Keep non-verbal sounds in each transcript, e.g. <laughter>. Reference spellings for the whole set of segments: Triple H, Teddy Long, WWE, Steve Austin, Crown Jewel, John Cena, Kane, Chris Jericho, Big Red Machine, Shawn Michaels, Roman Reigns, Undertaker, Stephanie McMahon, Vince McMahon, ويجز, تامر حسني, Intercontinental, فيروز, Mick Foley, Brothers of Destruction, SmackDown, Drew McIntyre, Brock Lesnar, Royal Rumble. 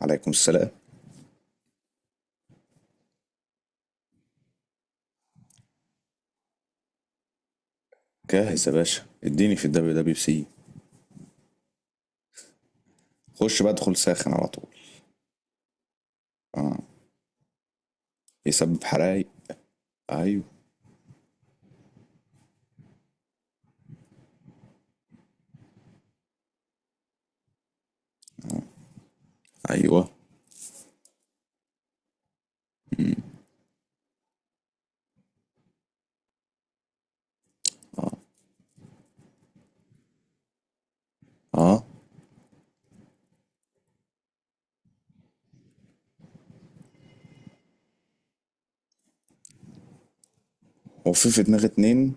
عليكم السلام. جاهز يا باشا، اديني في الدبليو دبليو سي. خش بقى، ادخل ساخن على طول. يسبب حرايق. ايوه. ايوه. اه، هو في دماغي اتنين.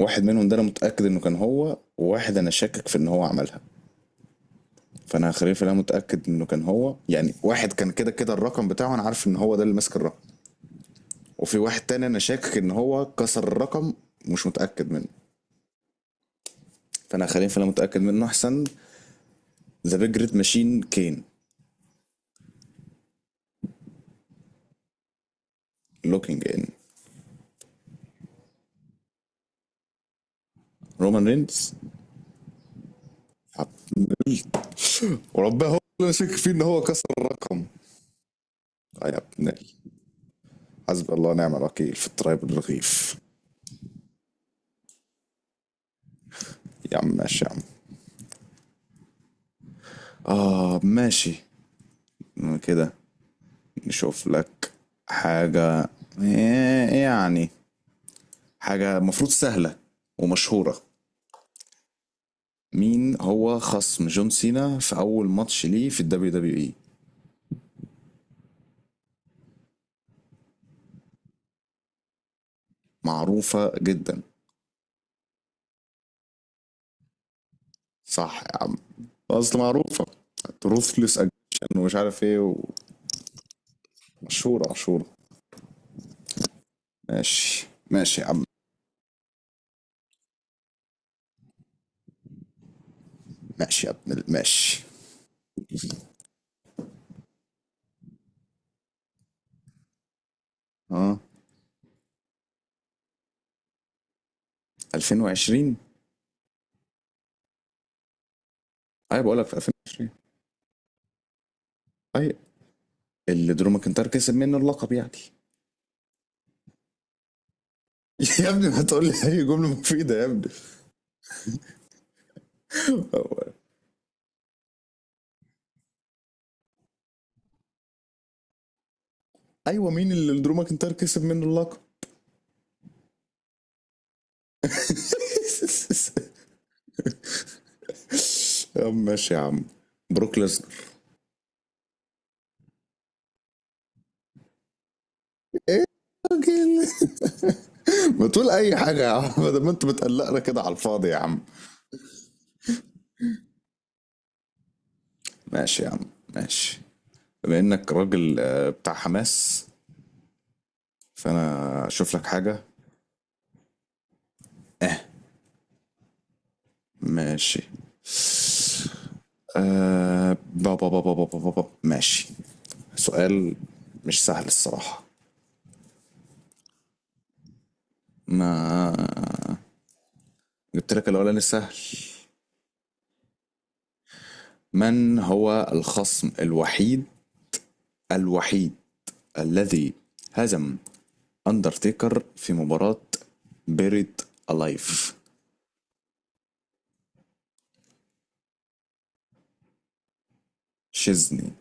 واحد منهم ده انا متاكد انه كان هو، وواحد انا شاكك في ان هو عملها، فانا هخليها انا متاكد انه كان هو. يعني واحد كان كده كده الرقم بتاعه، انا عارف ان هو ده اللي ماسك الرقم. وفي واحد تاني انا شاكك ان هو كسر الرقم، مش متاكد منه، فانا هخليها انا متاكد منه احسن. ذا بيج ريد ماشين كين لوكينج ان. رومان رينز وربنا هو اللي نشك فيه ان هو كسر الرقم. يا ابن ال-، حسبي الله ونعم الوكيل في التراب الرغيف. يا عم ماشي يا عم. اه ماشي. كده نشوف لك حاجة. يعني حاجة مفروض سهلة ومشهورة. مين هو خصم جون سينا في أول ماتش ليه في الدبليو دبليو إي؟ معروفة جدا. صح يا عم. أصل معروفة، روثلس أجيشن ومش عارف إيه، ومشهورة مشهورة. ماشي ماشي يا عم. ماشي يا ابن ال-، ماشي. اه. 2020. ايوه، بقول لك في 2020. طيب، اللي درو ماكنتاير كسب منه اللقب يعني. <laughs> يا ابني ما تقول لي اي جمله مفيده يا ابني. هو-. ايوه، مين اللي درو ماكنتاير كسب منه اللقب. <laughs> يا عم ماشي يا عم. بروك ليسنر. راجل. <laughs> ما تقول اي حاجه يا عم، ده ما انت بتقلقنا كده على الفاضي يا عم. ماشي يا عم ماشي. بما انك راجل بتاع حماس، فانا اشوف لك حاجه. اه، ماشي. آه، بابا بابا بابا بابا، ماشي. سؤال مش سهل الصراحة. ما جبت لك الأولاني سهل. من هو الخصم الوحيد، الوحيد، الذي هزم أندرتيكر في مباراة بيريد ألايف؟ شيزني.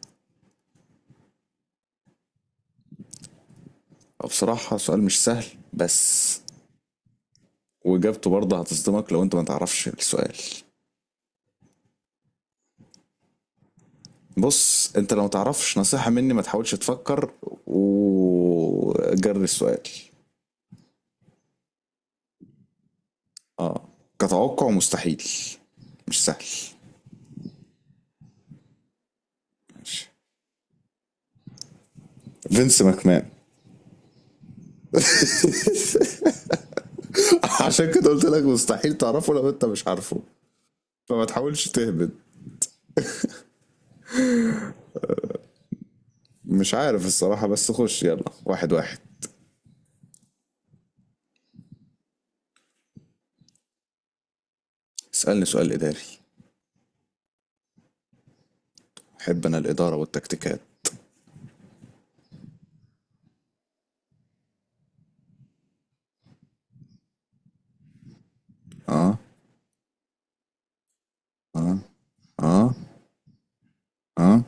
هو بصراحة سؤال مش سهل، بس وإجابته برضه هتصدمك لو أنت ما تعرفش السؤال. بص، انت لو متعرفش نصيحة مني، ما تحاولش تفكر وجرب السؤال. اه، كتوقع مستحيل، مش سهل. ماشي. فينس ماكمان. <laughs> عشان كده قلت لك مستحيل تعرفه لو انت مش عارفه، فما تحاولش تهبد. مش عارف الصراحة، بس خش يلا واحد واحد. اسألني سؤال إداري. أحب أنا الإدارة والتكتيكات. اه. اه. اه.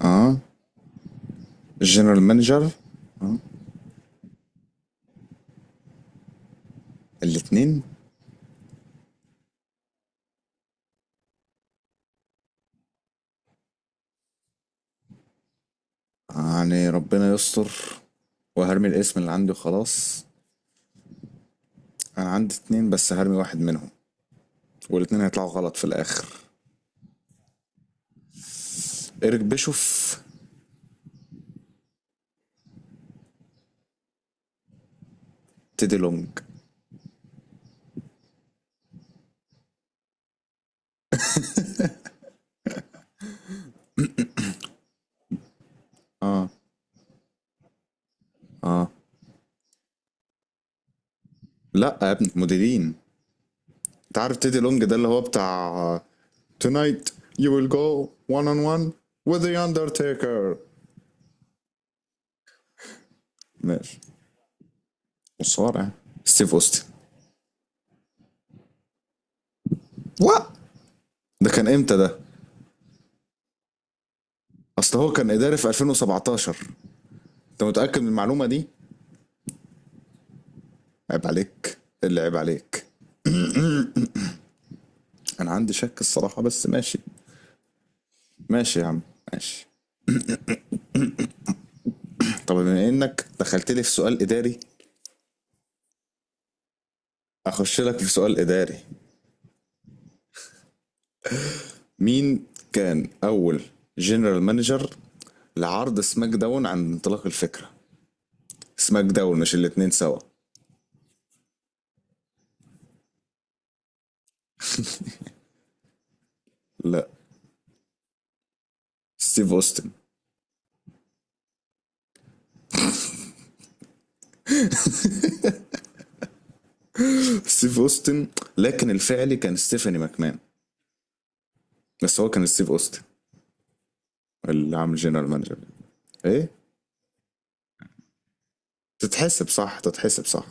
اه. الجنرال مانجر. الاتنين. يعني ربنا يستر، وهرمي الاسم اللي عندي وخلاص. انا عندي اتنين بس، هرمي واحد منهم. والاتنين هيطلعوا غلط في الاخر. ايريك بيشوف. تيدي لونج. اه. لا يا ابني، مديرين. انت عارف تيدي لونج ده اللي هو بتاع Tonight you will go one on one with the Undertaker. ماشي. مصارع. ستيف اوستن. وا. ده كان امتى ده؟ اصل هو كان اداري في 2017. انت متأكد من المعلومة دي؟ عيب عليك. اللي عيب عليك. انا عندي شك الصراحة بس ماشي. ماشي يا عم ماشي. طب بما انك دخلت لي في سؤال اداري، اخش لك في سؤال اداري. مين كان اول جنرال مانجر لعرض سماك داون عند انطلاق الفكرة؟ سماك داون، مش الاتنين سوا. لا، ستيف اوستن. <laughs> ستيف اوستن. لكن الفعلي كان ستيفاني ماكمان، بس هو كان ستيف اوستن اللي عامل جنرال مانجر. ايه، تتحسب صح، تتحسب صح.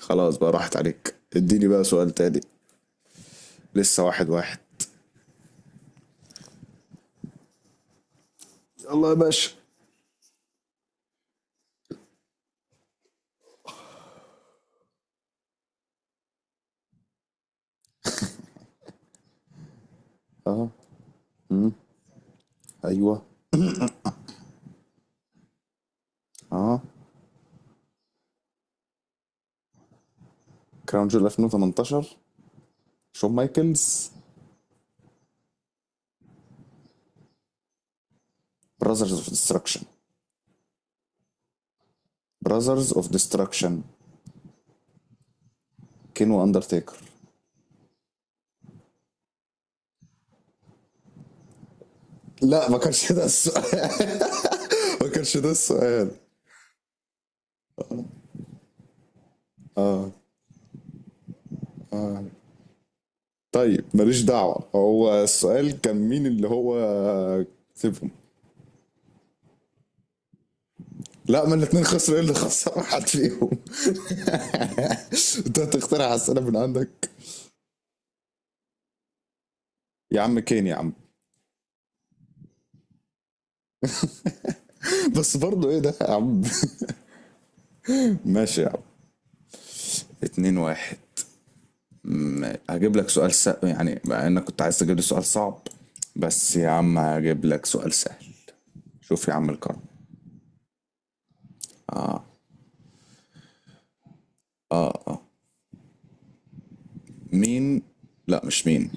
خلاص بقى، راحت عليك، اديني بقى سؤال تاني. لسه واحد واحد. الله يا باشا. ايوه. اه. كراون جول 2018. شون مايكلز. براذرز اوف ديستركشن. براذرز اوف ديستركشن. كين واندرتيكر. لا، ما كانش ده السؤال. <laughs> ما كانش ده السؤال. طيب ماليش دعوه، هو السؤال كان مين اللي هو كسبهم. لا، ما الاثنين خسروا، ايه اللي خسر واحد فيهم؟ <laughs> انت هتخترع اسئله من عندك. يا عم كين يا عم. بس برضه ايه ده يا عم. <laughs> ماشي يا عم. 2 1. هجيب لك سؤال س...، يعني مع انك كنت عايز تجيب لي سؤال صعب، بس يا عم هجيب لك سؤال سهل. شوف يا عم الكرم. مين؟ لا، مش مين.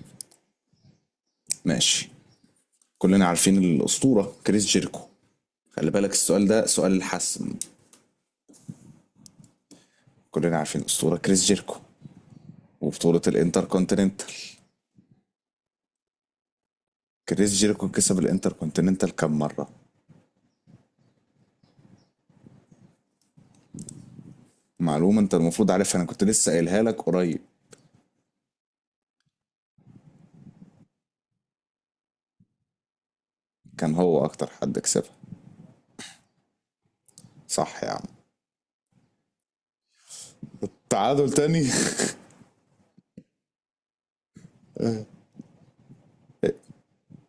ماشي. كلنا عارفين الأسطورة كريس جيركو. خلي بالك، السؤال ده سؤال الحسم. كلنا عارفين الأسطورة كريس جيركو وبطولة الانتر كونتيننتال. كريس جيركو كسب الانتر كونتيننتال كام مرة؟ معلومة انت المفروض عارفها، انا كنت لسه قايلها لك قريب. كان هو اكتر حد كسبها. صح يا عم. تعادل تاني.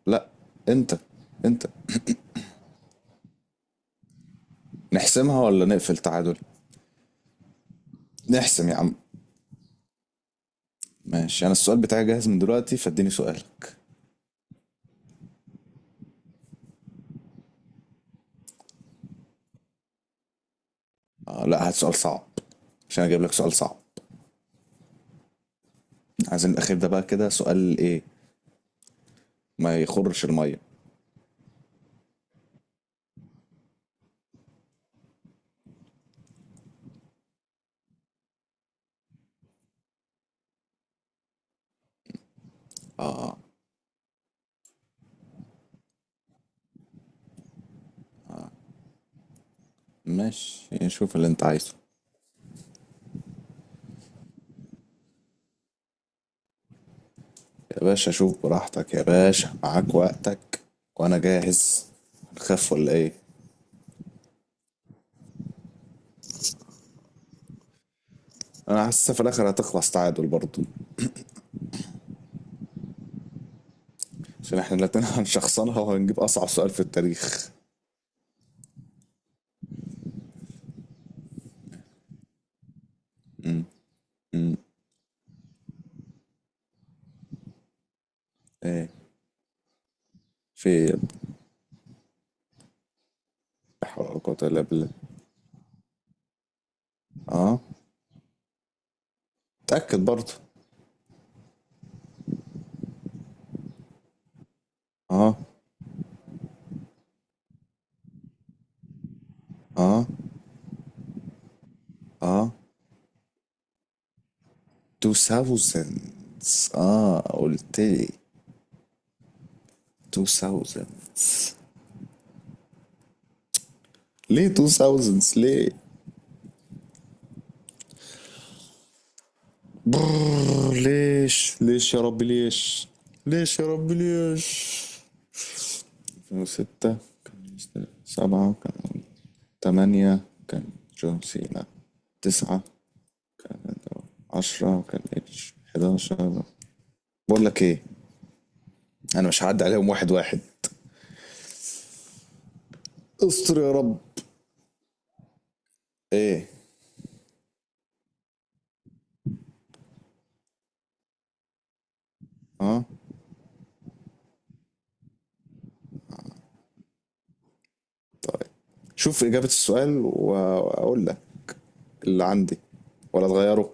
لا، انت، انت. نحسمها ولا نقفل تعادل؟ نحسم يا عم. ماشي، انا السؤال بتاعي جاهز من دلوقتي، فاديني سؤالك. آه لا، هات سؤال صعب عشان اجيب لك سؤال صعب. عايزين الاخير ده بقى كده سؤال ايه، ما يخرش الميه. ماشي، شوف اللي انت عايزه. يا باشا شوف براحتك يا باشا، معاك وقتك وانا جاهز. هنخاف ولا ايه؟ انا حاسس في الاخر هتخلص تعادل برضه، عشان احنا الاتنين <laughs> هنشخصنها وهنجيب اصعب سؤال في التاريخ. امم امم ايه؟ في. لا حول ولا قوة إلا بالله. اه، تأكد برضه. اه. اه. اه. 2000. اه قلت لي 2000. ليه 2000 ليه؟ برر، ليش ليش يا ربي ليش؟ ليش يا ربي ليش؟ 2006 كان، 7 كان، 8 كان جون سينا، 9، 10 كان اتش، 11. بقول لك ايه، انا مش هعدي عليهم واحد واحد. استر يا رب. ايه. اه، شوف إجابة السؤال وأقول لك اللي عندي ولا تغيره.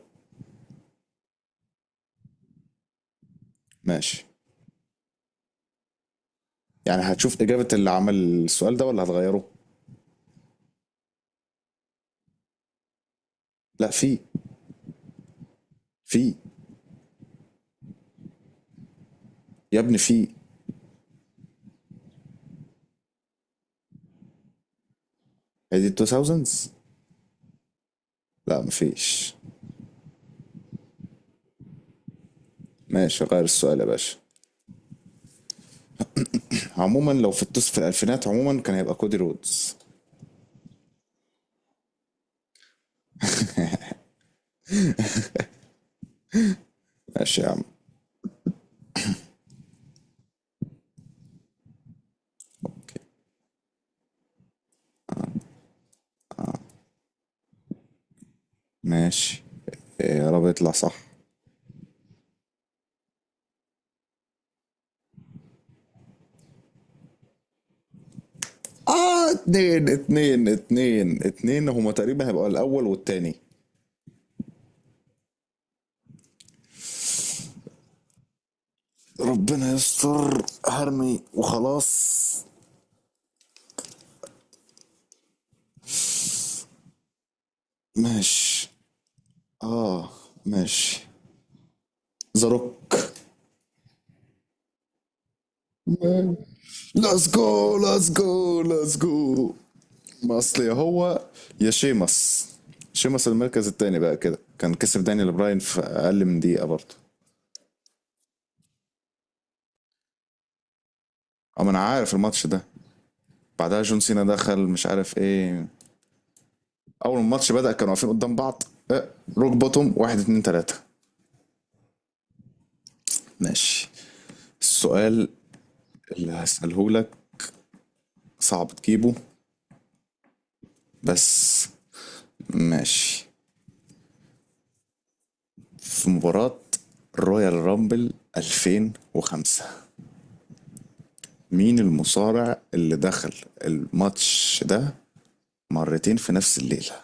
ماشي، يعني هتشوف إجابة اللي عمل السؤال ده ولا هتغيره. لا في. في يا ابني، في. هي دي 2000s. لا، مفيش. ماشي، غير السؤال يا باشا. عموما، لو في التصف في الألفينات عموما كان هيبقى كودي رودز. ماشي يا عم ماشي. إيه يا رب يطلع صح. اه اتنين اتنين اتنين اتنين، هما تقريبا هيبقوا الأول والتاني. ربنا يستر، هرمي وخلاص. ماشي. اه ماشي. ذا روك. ليتس جو ليتس جو ليتس جو. ما اصل يا هو، يا شيمس. شيمس المركز التاني بقى كده، كان كسب دانيال براين في اقل من دقيقه برضه. اما انا عارف الماتش ده. بعدها جون سينا دخل مش عارف ايه. اول ما الماتش بدا كانوا واقفين قدام بعض. اه، روك بوتوم، واحد اتنين تلاته. ماشي. السؤال اللي هسأله لك صعب تجيبه، بس ماشي. في مباراة رويال رامبل 2005، مين المصارع اللي دخل الماتش ده مرتين في نفس الليلة؟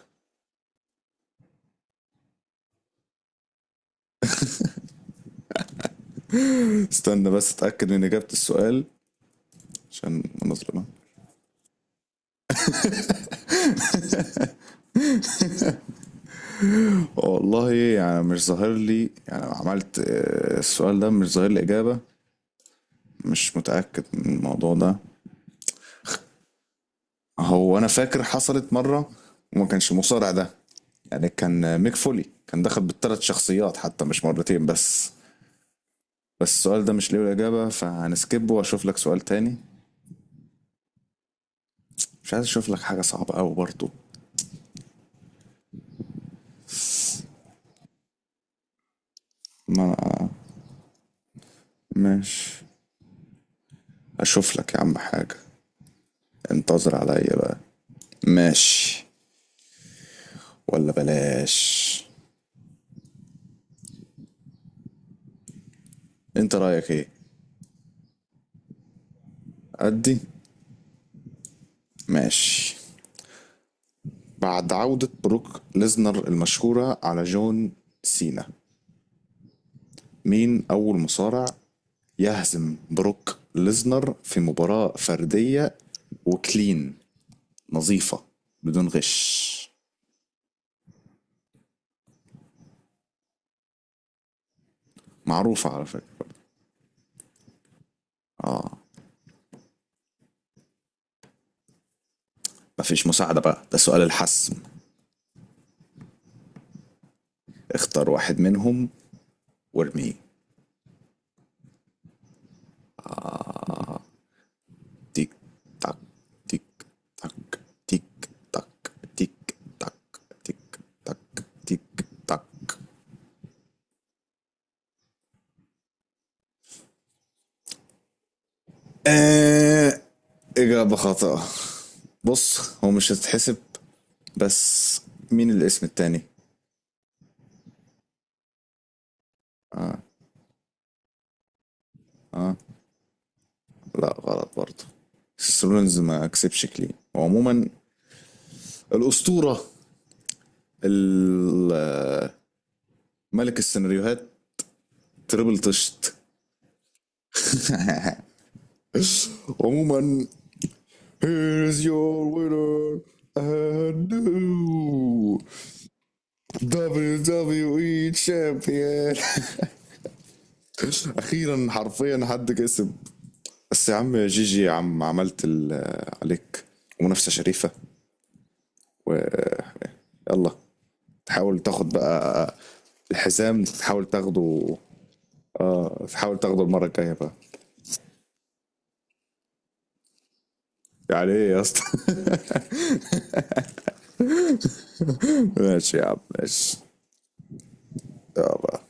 استنى بس اتأكد من إجابة السؤال عشان ما نظلمها. والله يعني مش ظاهر لي، يعني عملت السؤال ده مش ظاهر لي إجابة، مش متأكد من الموضوع ده. هو أنا فاكر حصلت مرة وما كانش المصارع ده، يعني كان ميك فولي كان دخل بالثلاث شخصيات حتى، مش مرتين بس. بس السؤال ده مش ليه الإجابة، فهنسكبه وأشوف لك سؤال تاني. مش عايز أشوف لك حاجة صعبة أوي برضو. ما ماشي، أشوف لك يا عم حاجة. انتظر عليا بقى. ماشي. ولا بلاش، انت رأيك ايه؟ أدي. ماشي. بعد عودة بروك ليزنر المشهورة على جون سينا، مين أول مصارع يهزم بروك ليزنر في مباراة فردية وكلين، نظيفة بدون غش؟ معروفة على فكرة. اه. مفيش مساعدة بقى، ده سؤال الحسم. اختار واحد منهم وارميه. تيك تاك تيك تاك تيك تاك تيك تاك تيك تاك تيك تاك. آه إجابة خاطئة. بص هو مش هتتحسب، بس مين الاسم التاني؟ اه. لا، غلط برضه. سيسرونز ما كسبش كلين. وعموما الأسطورة، ال-، ملك السيناريوهات، تريبل طشت. <laughs> عموما. here's your winner and new WWE champion. <laughs> اخيرا، حرفيا حد كسب. بس يا عم، يا جيجي يا عم، عملت ال- عليك منافسه شريفه. ويلا، تحاول تاخد بقى الحزام، تحاول تاخده. اه، تحاول تاخده المره الجايه بقى. يعني ايه يا اسطى؟ <laughs> ماشي يا عم ماشي. يا الله.